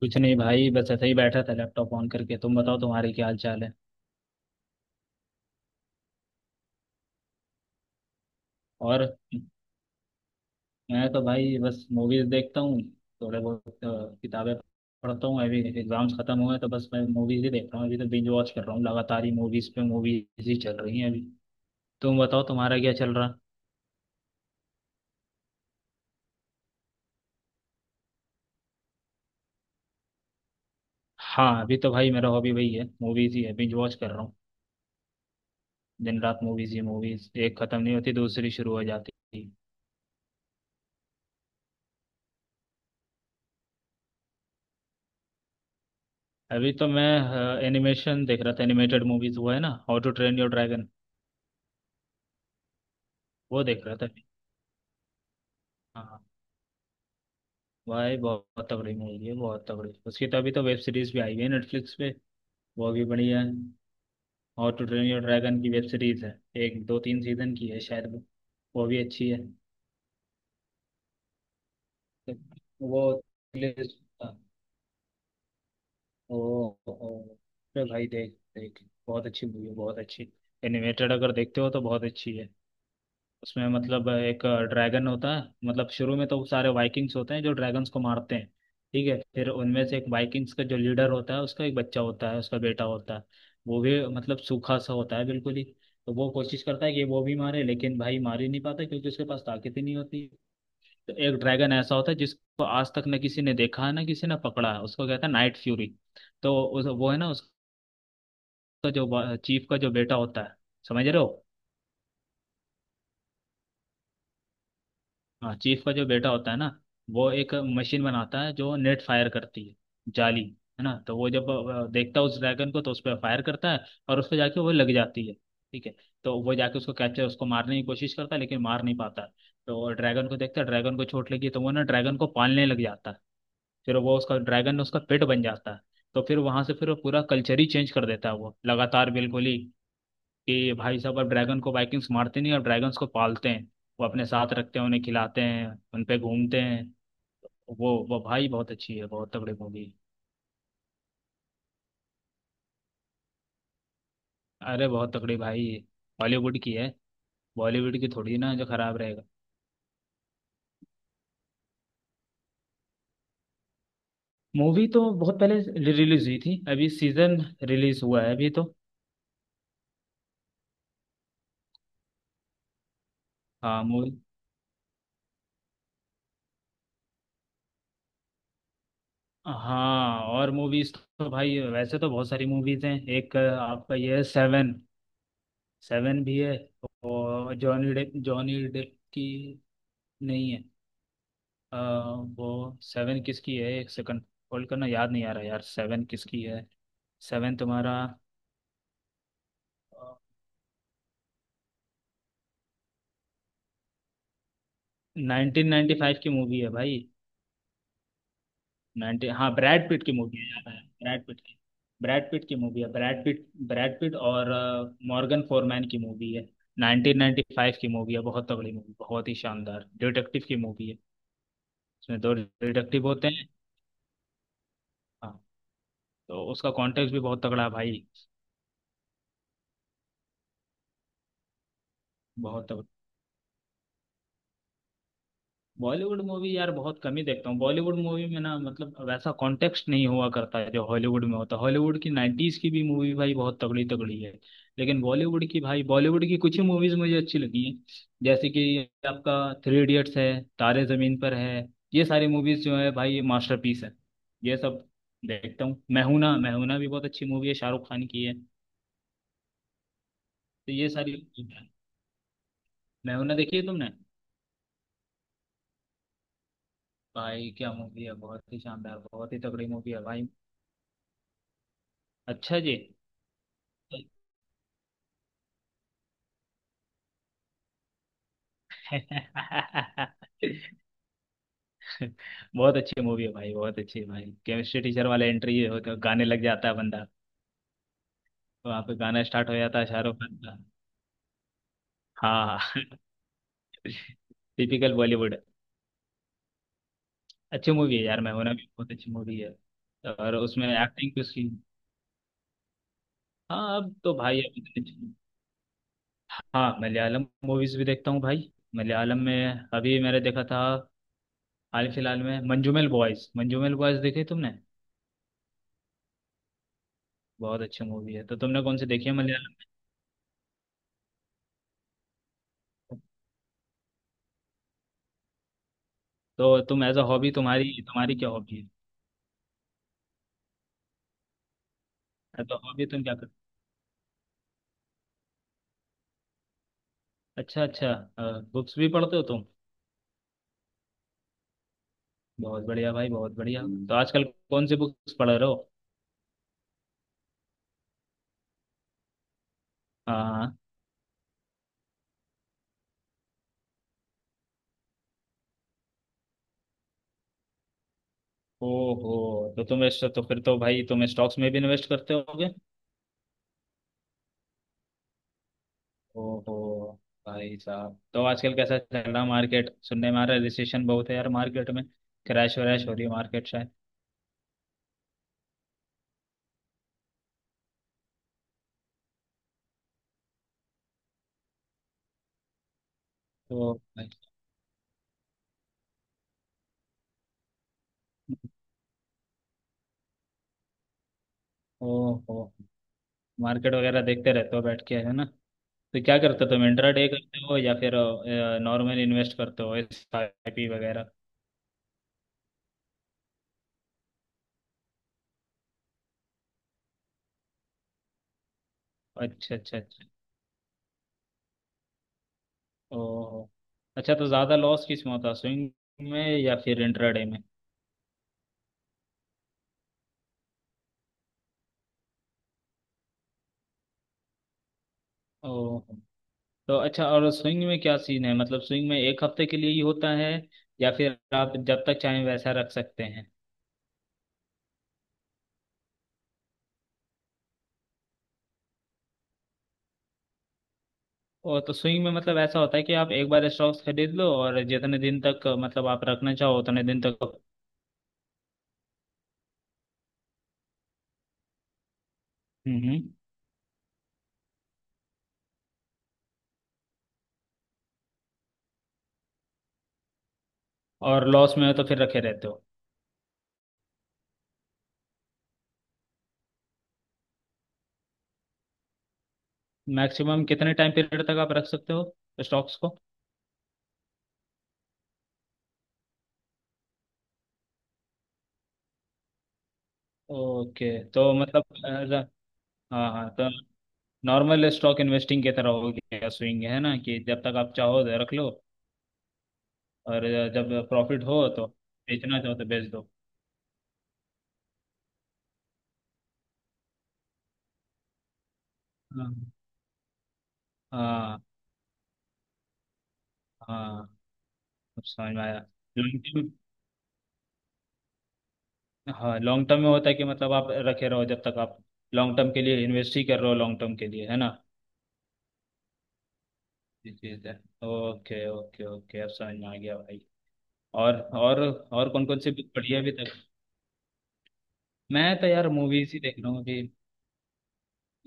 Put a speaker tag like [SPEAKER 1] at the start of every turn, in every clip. [SPEAKER 1] कुछ नहीं भाई, बस ऐसे ही बैठा था, लैपटॉप ऑन करके। तुम बताओ, तुम्हारी क्या हाल चाल है? और मैं तो भाई बस मूवीज देखता हूँ, थोड़े बहुत किताबें पढ़ता हूँ। अभी एग्जाम्स खत्म हुए हैं, तो बस मैं मूवीज ही देख रहा हूँ। अभी तो बिंज वॉच कर रहा हूँ लगातार ही, मूवीज पे मूवीज ही चल रही हैं अभी। तुम बताओ तुम्हारा क्या चल रहा? हाँ, अभी तो भाई मेरा हॉबी वही है, मूवीज ही है। बिंज वॉच कर रहा हूँ, दिन रात मूवीज ही मूवीज। एक खत्म नहीं होती, दूसरी शुरू हो जाती है। अभी तो मैं एनिमेशन देख रहा था, एनिमेटेड मूवीज। वो है ना, how to train your dragon, वो देख रहा था। हाँ हाँ। भाई बहुत बहुत तगड़ी मूवी है, बहुत तगड़ी। उसकी तो अभी तो वेब सीरीज भी आई हुई है नेटफ्लिक्स पे, वो भी बढ़िया है। How to train your dragon की वेब सीरीज है, एक दो तीन सीजन की है शायद वो। वो भी अच्छी है। वो ओ, ओ, अरे भाई, देख देख, बहुत अच्छी मूवी है, बहुत अच्छी। एनिमेटेड अगर देखते हो तो बहुत अच्छी है। उसमें मतलब एक ड्रैगन होता है। मतलब शुरू में तो सारे वाइकिंग्स होते हैं जो ड्रैगन्स को मारते हैं, ठीक है? फिर उनमें से एक वाइकिंग्स का जो लीडर होता है, उसका एक बच्चा होता है, उसका बेटा होता है। वो भी मतलब सूखा सा होता है बिल्कुल ही। तो वो कोशिश करता है कि वो भी मारे, लेकिन भाई मार ही नहीं पाता, क्योंकि उसके पास ताकत ही नहीं होती। तो एक ड्रैगन ऐसा होता है जिसको आज तक न किसी ने देखा है ना किसी ने पकड़ा है, उसको कहता है नाइट फ्यूरी। तो वो है ना उसका, जो चीफ का जो बेटा होता है, समझ रहे हो? हाँ, चीफ का जो बेटा होता है ना, वो एक मशीन बनाता है जो नेट फायर करती है, जाली, है ना? तो वो जब देखता है उस ड्रैगन को, तो उस पर फायर करता है, और उस पर जाके वो लग जाती है, ठीक है? तो वो जाके उसको कैप्चर, उसको मारने की कोशिश करता है, लेकिन मार नहीं पाता है। तो ड्रैगन को देखता है, ड्रैगन को चोट लगी, तो वो ना ड्रैगन को पालने लग जाता है। फिर वो उसका ड्रैगन, उसका पेट बन जाता है। तो फिर वहां से फिर वो पूरा कल्चर ही चेंज कर देता है वो, लगातार बिल्कुल ही, कि भाई साहब अब ड्रैगन को वाइकिंग्स मारते नहीं, अब ड्रैगन्स को पालते हैं, वो अपने साथ रखते हैं, उन्हें खिलाते हैं, उन पे घूमते हैं। वो भाई बहुत अच्छी है, बहुत तगड़ी मूवी। अरे बहुत तगड़ी भाई, हॉलीवुड की है, बॉलीवुड की थोड़ी ना जो खराब रहेगा। मूवी तो बहुत पहले रिलीज हुई थी, अभी सीजन रिलीज हुआ है अभी तो। हाँ मूवी। हाँ, और मूवीज तो भाई वैसे तो बहुत सारी मूवीज हैं। एक आपका ये है सेवन, सेवन भी है। और जॉनी डेप, जॉनी डेप की नहीं है। अ, वो सेवन किसकी है एक सेकंड, होल्ड करना, याद नहीं आ रहा यार, सेवन किसकी है। सेवन तुम्हारा नाइनटीन नाइन्टी फाइव की मूवी है भाई। 19, हाँ, ब्रैड पिट की मूवी है, याद आया। ब्रैड पिट की, ब्रैड पिट की मूवी है, ब्रैड पिट, ब्रैड पिट और मॉर्गन फोरमैन की मूवी है। 1995 की मूवी है, बहुत तगड़ी मूवी, बहुत ही शानदार डिटेक्टिव की मूवी है। इसमें दो डिटेक्टिव होते हैं, हाँ, तो उसका कॉन्टेक्स्ट भी बहुत तगड़ा है भाई। बहुत बॉलीवुड मूवी यार बहुत कम ही देखता हूँ। बॉलीवुड मूवी में ना, मतलब वैसा कॉन्टेक्स्ट नहीं हुआ करता है जो हॉलीवुड में होता है। हॉलीवुड की नाइन्टीज की भी मूवी भाई बहुत तगड़ी तगड़ी है, लेकिन बॉलीवुड की, भाई बॉलीवुड की कुछ ही मूवीज मुझे अच्छी लगी हैं। जैसे कि आपका थ्री इडियट्स है, तारे जमीन पर है। ये सारी मूवीज जो है भाई, ये मास्टरपीस है ये सब। देखता हूँ, मैहूना, मैहूना भी बहुत अच्छी मूवी है, शाहरुख खान की है। तो ये सारी, मैहूना देखी है तुमने? भाई क्या मूवी है, बहुत ही शानदार, बहुत ही तगड़ी मूवी है भाई। अच्छा जी। बहुत अच्छी मूवी है भाई, बहुत अच्छी है भाई। केमिस्ट्री टीचर वाला एंट्री होता है, गाने लग जाता है बंदा, वहाँ पे गाना स्टार्ट हो जाता है, शाहरुख खान का। हाँ, टिपिकल बॉलीवुड। अच्छी मूवी है यार, मैं होना भी बहुत अच्छी मूवी है, और उसमें एक्टिंग भी उसकी। हाँ, अब तो भाई, अभी तो अच्छी- हाँ, मलयालम मूवीज भी देखता हूँ भाई। मलयालम में अभी मैंने देखा था, हाल फिलहाल में, मंजूमेल बॉयज, मंजूमेल बॉयज देखी तुमने? बहुत अच्छी मूवी है। तो तुमने कौन सी देखी है मलयालम? तो तुम एज अ हॉबी, तुम्हारी तुम्हारी क्या हॉबी है? एज अ हॉबी तुम क्या कर? अच्छा अच्छा। बुक्स भी पढ़ते हो तुम? बहुत बढ़िया भाई, बहुत बढ़िया। हम्म। तो आजकल कौन सी बुक्स पढ़ रहे हो? हाँ। ओहो, तो तुम इस, तो फिर तो भाई तुम स्टॉक्स में भी इन्वेस्ट करते होगे। ओहो। भाई साहब, तो आजकल कैसा चल रहा मार्केट, सुनने में आ रहा है रिसेशन बहुत है यार मार्केट में, क्रैश वैश हो रही है मार्केट शायद। तो भाई, ओहो, मार्केट वगैरह देखते रहते हो बैठ के, है ना? तो क्या करते हो तुम, इंट्राडे करते हो या फिर नॉर्मल इन्वेस्ट करते हो, एस आई पी वगैरह? अच्छा अच्छा अच्छा। ओहो। अच्छा, तो ज़्यादा लॉस किस में होता है, स्विंग में या फिर इंट्राडे में? ओहो। तो अच्छा, और स्विंग में क्या सीन है? मतलब स्विंग में एक हफ्ते के लिए ही होता है, या फिर आप जब तक चाहें वैसा रख सकते हैं? और तो स्विंग में मतलब ऐसा होता है कि आप एक बार स्टॉक्स खरीद लो, और जितने दिन तक मतलब आप रखना चाहो उतने दिन तक। हम्म हम्म। और लॉस में हो तो फिर रखे रहते हो? मैक्सिमम कितने टाइम पीरियड तक आप रख सकते हो स्टॉक्स को? ओके, तो मतलब as a- हाँ हाँ, तो नॉर्मल स्टॉक इन्वेस्टिंग की तरह हो गया स्विंग, है ना? कि जब तक आप चाहो तो रख लो, और जब प्रॉफिट हो तो बेचना चाहो तो बेच दो। हाँ, हाँ, हाँ, अब समझ में आया। लॉन्ग टर्म, हाँ लॉन्ग टर्म में होता है कि मतलब आप रखे रहो जब तक आप लॉन्ग टर्म के लिए इन्वेस्ट ही कर रहे हो लॉन्ग टर्म के लिए, है ना? ये चीज़ है। ओके ओके ओके, अब समझ में आ गया भाई। और और कौन कौन सी बुक पढ़ी है अभी तक? मैं तो यार मूवीज ही देख रहा हूँ अभी,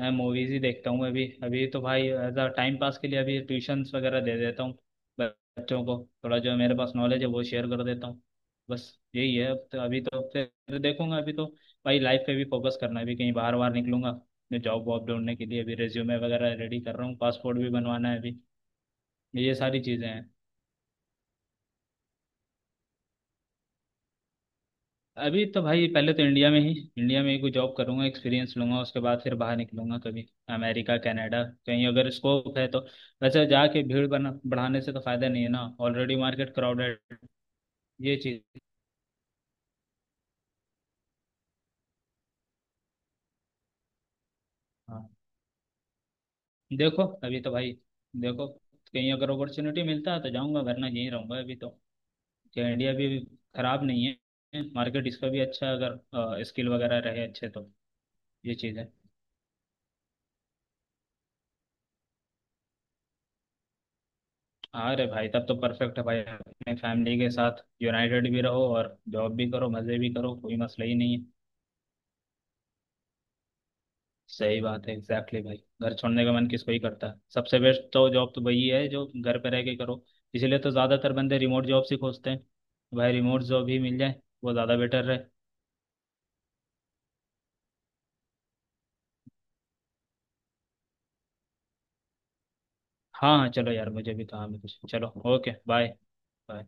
[SPEAKER 1] मैं मूवीज ही देखता हूँ अभी। अभी तो भाई एज अ टाइम पास के लिए अभी ट्यूशन्स वगैरह दे देता हूँ बच्चों को, थोड़ा जो मेरे पास नॉलेज है वो शेयर कर देता हूँ, बस। यही है अब तो। अभी तो फिर तो देखूंगा, अभी तो भाई लाइफ पे भी फोकस करना है। अभी कहीं बाहर बाहर निकलूंगा मैं, जॉब वॉब ढूंढने के लिए। अभी रेज्यूमे वगैरह रेडी कर रहा हूँ, पासपोर्ट भी बनवाना है अभी, ये सारी चीज़ें हैं। अभी तो भाई पहले तो इंडिया में ही, इंडिया में ही कोई जॉब करूंगा, एक्सपीरियंस लूंगा, उसके बाद फिर बाहर निकलूंगा कभी। अमेरिका कनाडा कहीं अगर स्कोप है तो, वैसे जाके भीड़ बना बढ़ाने से तो फायदा नहीं है ना, ऑलरेडी मार्केट क्राउडेड, ये चीज़। हाँ। देखो अभी तो भाई, देखो कहीं अगर अपॉर्चुनिटी मिलता है तो जाऊंगा, वरना यहीं रहूंगा अभी तो। क्या इंडिया भी खराब नहीं है, मार्केट इसका भी अच्छा है, अगर स्किल वगैरह रहे अच्छे तो। ये चीज़ है। हाँ रे भाई, तब तो परफेक्ट है भाई, अपने फैमिली के साथ यूनाइटेड भी रहो और जॉब भी करो, मज़े भी करो, कोई मसला ही नहीं है। सही बात है एग्जैक्टली भाई, घर छोड़ने का मन किसको ही करता है? सबसे बेस्ट तो जॉब तो वही है जो घर पे रह के करो। इसीलिए तो ज़्यादातर बंदे रिमोट जॉब्स ही खोजते हैं। भाई रिमोट जॉब ही मिल जाए वो ज़्यादा बेटर रहे। हाँ हाँ, चलो यार, मुझे भी काम है कुछ, चलो। Okay bye.